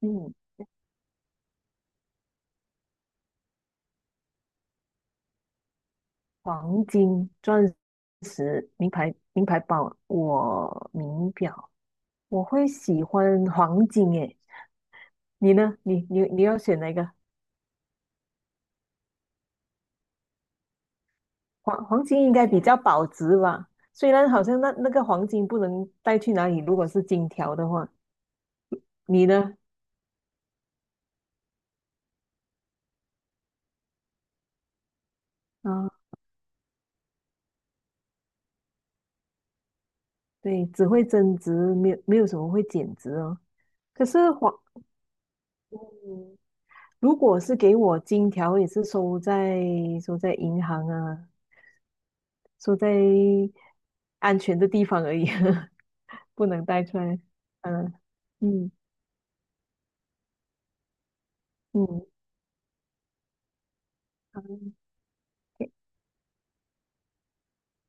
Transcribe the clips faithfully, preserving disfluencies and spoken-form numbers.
嗯，黄金、钻石、名牌、名牌包，我名表，我会喜欢黄金诶。你呢？你你你要选哪一个？黄黄金应该比较保值吧？虽然好像那那个黄金不能带去哪里，如果是金条的话，你呢？啊，对，只会增值，没有没有什么会减值哦。可是黄，嗯如果是给我金条，也是收在收在银行啊，收在。安全的地方而已，不能带出来。嗯嗯嗯，好，OK，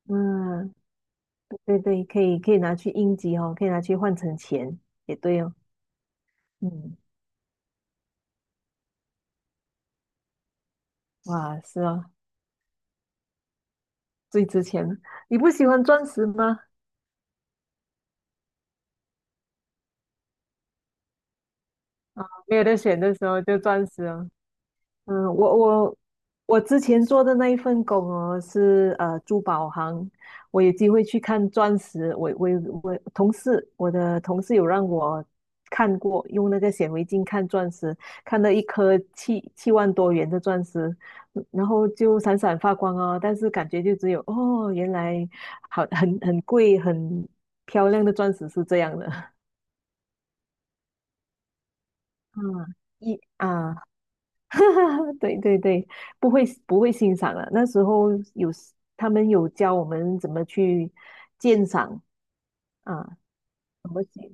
嗯，对对，可以可以拿去应急哦，可以拿去换成钱，也对哦。嗯，哇，是哦，最值钱了。你不喜欢钻石吗？没有得选的时候就钻石哦。嗯，我我我之前做的那一份工哦，是呃珠宝行，我有机会去看钻石，我我我同事，我的同事有让我看过，用那个显微镜看钻石，看到一颗七七万多元的钻石，嗯然后就闪闪发光哦，但是感觉就只有哦，原来好很很贵很漂亮的钻石是这样的，嗯，一啊。对对对，不会不会欣赏了。那时候有 s- 他们有教我们怎么去鉴赏啊，怎么写？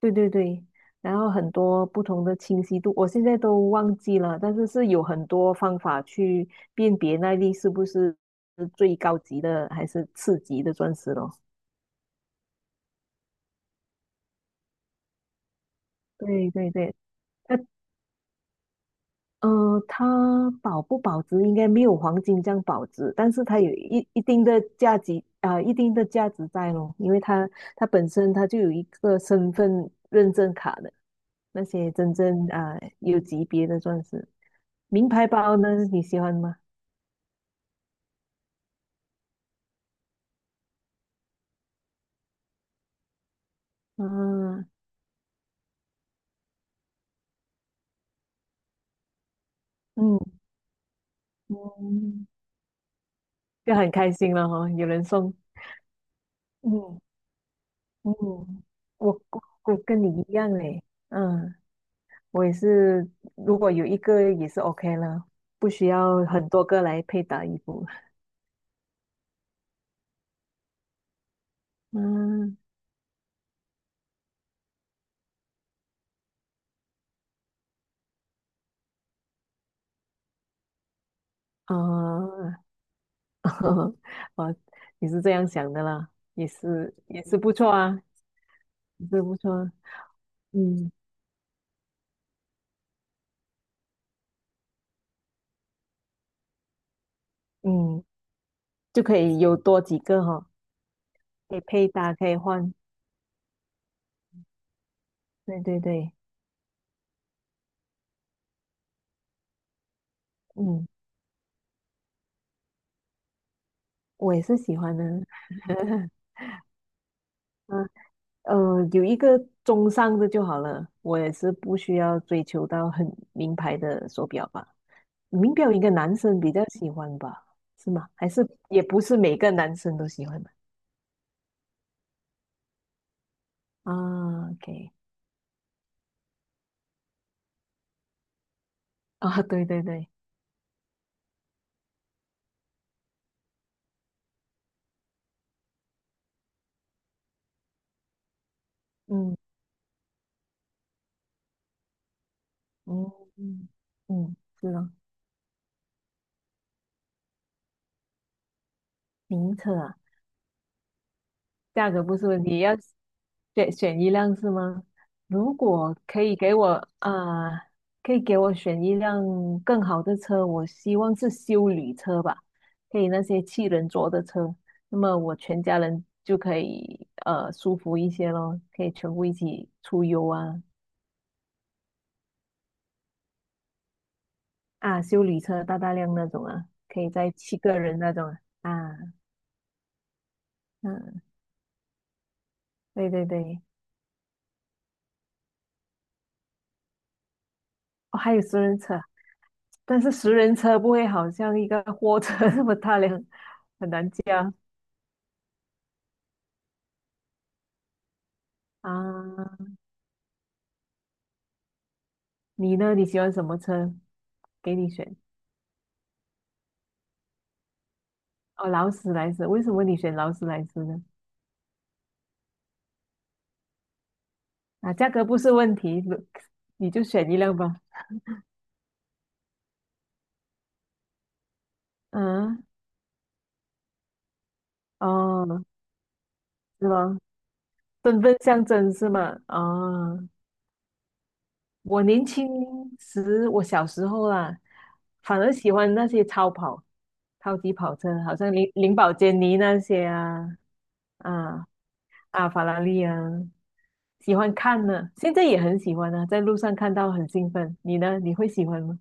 对对对。然后很多不同的清晰度，我现在都忘记了，但是是有很多方法去辨别那粒是不是最高级的还是次级的钻石咯。对对对，嗯，它保不保值应该没有黄金这样保值，但是它有一一定的价值啊、一定的价值在咯，因为它它本身它就有一个身份认证卡的那些真正啊、有级别的钻石，名牌包呢你喜欢吗？啊，嗯嗯，就很开心了哈、有人送，嗯嗯，我我我跟你一样嘞，嗯。我也是，如果有一个也是 OK 了，不需要很多个来配搭衣服。嗯啊，哦，你是这样想的啦，也是也是不错啊，也是不错啊。嗯嗯，就可以有多几个哈、可以配搭，可以换。对对对，嗯，我也是喜欢的。嗯呃，有一个中上的就好了，我也是不需要追求到很名牌的手表吧。民调应该男生比较喜欢吧？是吗？还是也不是每个男生都喜欢吧？啊？OK，啊，对对对，嗯嗯嗯，嗯，是啊，名册啊。价格不是问题，要选选一辆是吗？如果可以给我啊、呃可以给我选一辆更好的车，我希望是修理车吧，可以那些七人座的车，那么我全家人就可以呃舒服一些咯，可以全部一起出游啊啊，修理车大大量那种啊，可以载七个人那种啊，啊嗯，对对对，哦，还有私人车。但是十人车不会好像一个货车 那么大辆，很难驾啊。你呢？你喜欢什么车？给你选哦，劳斯莱斯。为什么你选劳斯莱斯呢？啊，价格不是问题，你就选一辆吧。嗯，哦，是吗？身份象征是吗？哦，我年轻时，我小时候啦，反而喜欢那些超跑、超级跑车，好像林林宝坚尼那些啊，啊。啊，法拉利啊，喜欢看呢，现在也很喜欢啊，在路上看到很兴奋。你呢？你会喜欢吗？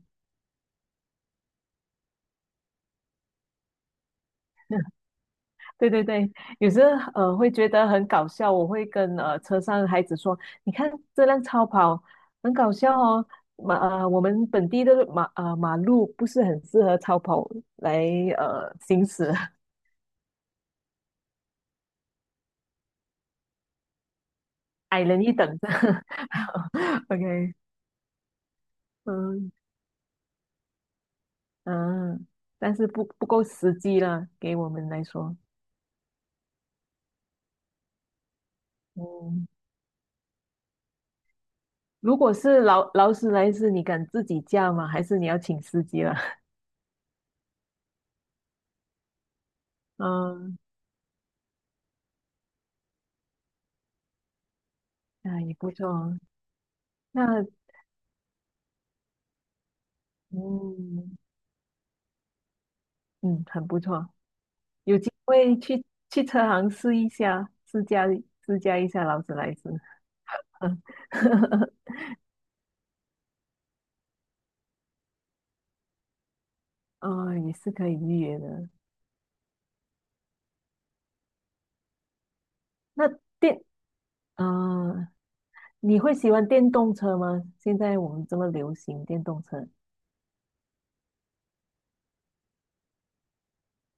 对对对，有时候呃会觉得很搞笑，我会跟呃车上的孩子说：“你看这辆超跑很搞笑哦，马呃我们本地的马呃马路不是很适合超跑来呃行驶，矮人一等的。”OK，嗯嗯，但是不不够实际了，给我们来说，嗯如果是劳劳斯莱斯，你敢自己驾吗？还是你要请司机了？嗯，那也不错哦。那嗯嗯，很不错，有机会去去车行试一下，试驾试驾一下劳斯莱斯。嗯，也是可以预约的。那电，啊，你会喜欢电动车吗？现在我们这么流行电动车，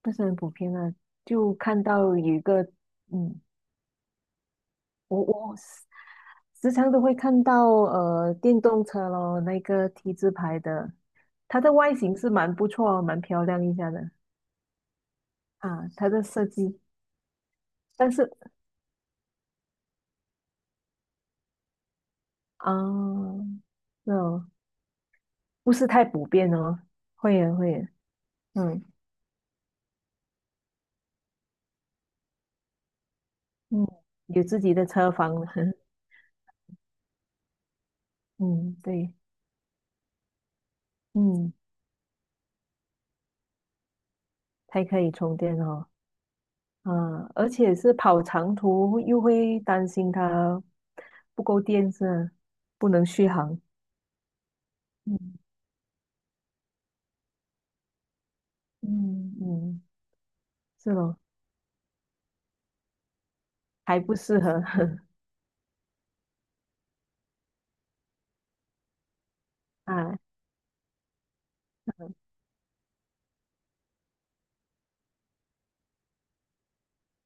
不是很普遍啊。就看到有一个，嗯，我我时常都会看到呃电动车咯，那个 T 字牌的，它的外形是蛮不错哦蛮漂亮一下的啊，它的设计，但是啊，那、哦，不是太普遍哦，会员会员，嗯嗯，有自己的车房，嗯对，嗯才可以充电哦，啊，而且是跑长途又会担心它不够电是吧不能续航，嗯嗯嗯，是咯。还不适合 啊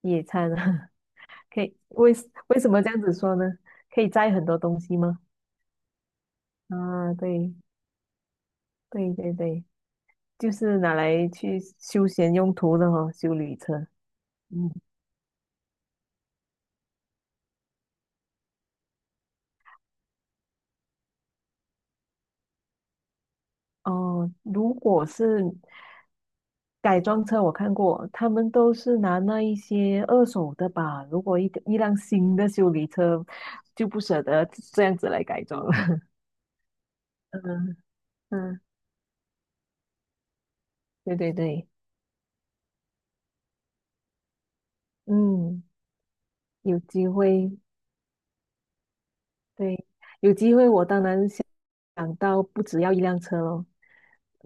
野餐啊，可以为为什么这样子说呢？可以摘很多东西吗？啊，对对对对，就是拿来去休闲用途的哦，修理车。嗯，哦，如果是改装车，我看过，他们都是拿那一些二手的吧。如果一个一辆新的修理车，就不舍得这样子来改装了。嗯嗯，对对对，嗯，有机会对，有机会我当然想想到不只要一辆车咯，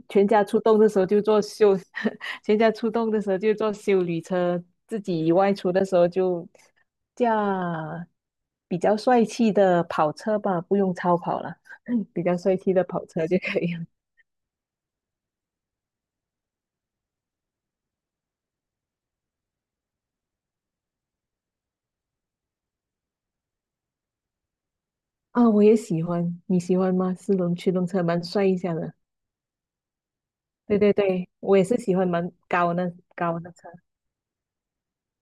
全家出动的时候就坐修，全家出动的时候就坐修理车，自己外出的时候就驾比较帅气的跑车吧，不用超跑了，比较帅气的跑车就可以了。啊、我也喜欢，你喜欢吗？四轮驱动车蛮帅一下的。对对对，我也是喜欢蛮高的高的车。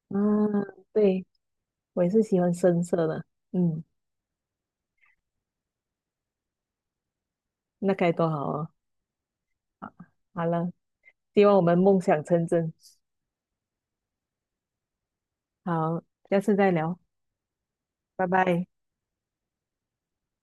嗯，对，我也是喜欢深色的。嗯，那该多好哦。好了，希望我们梦想成真。好，下次再聊，拜拜。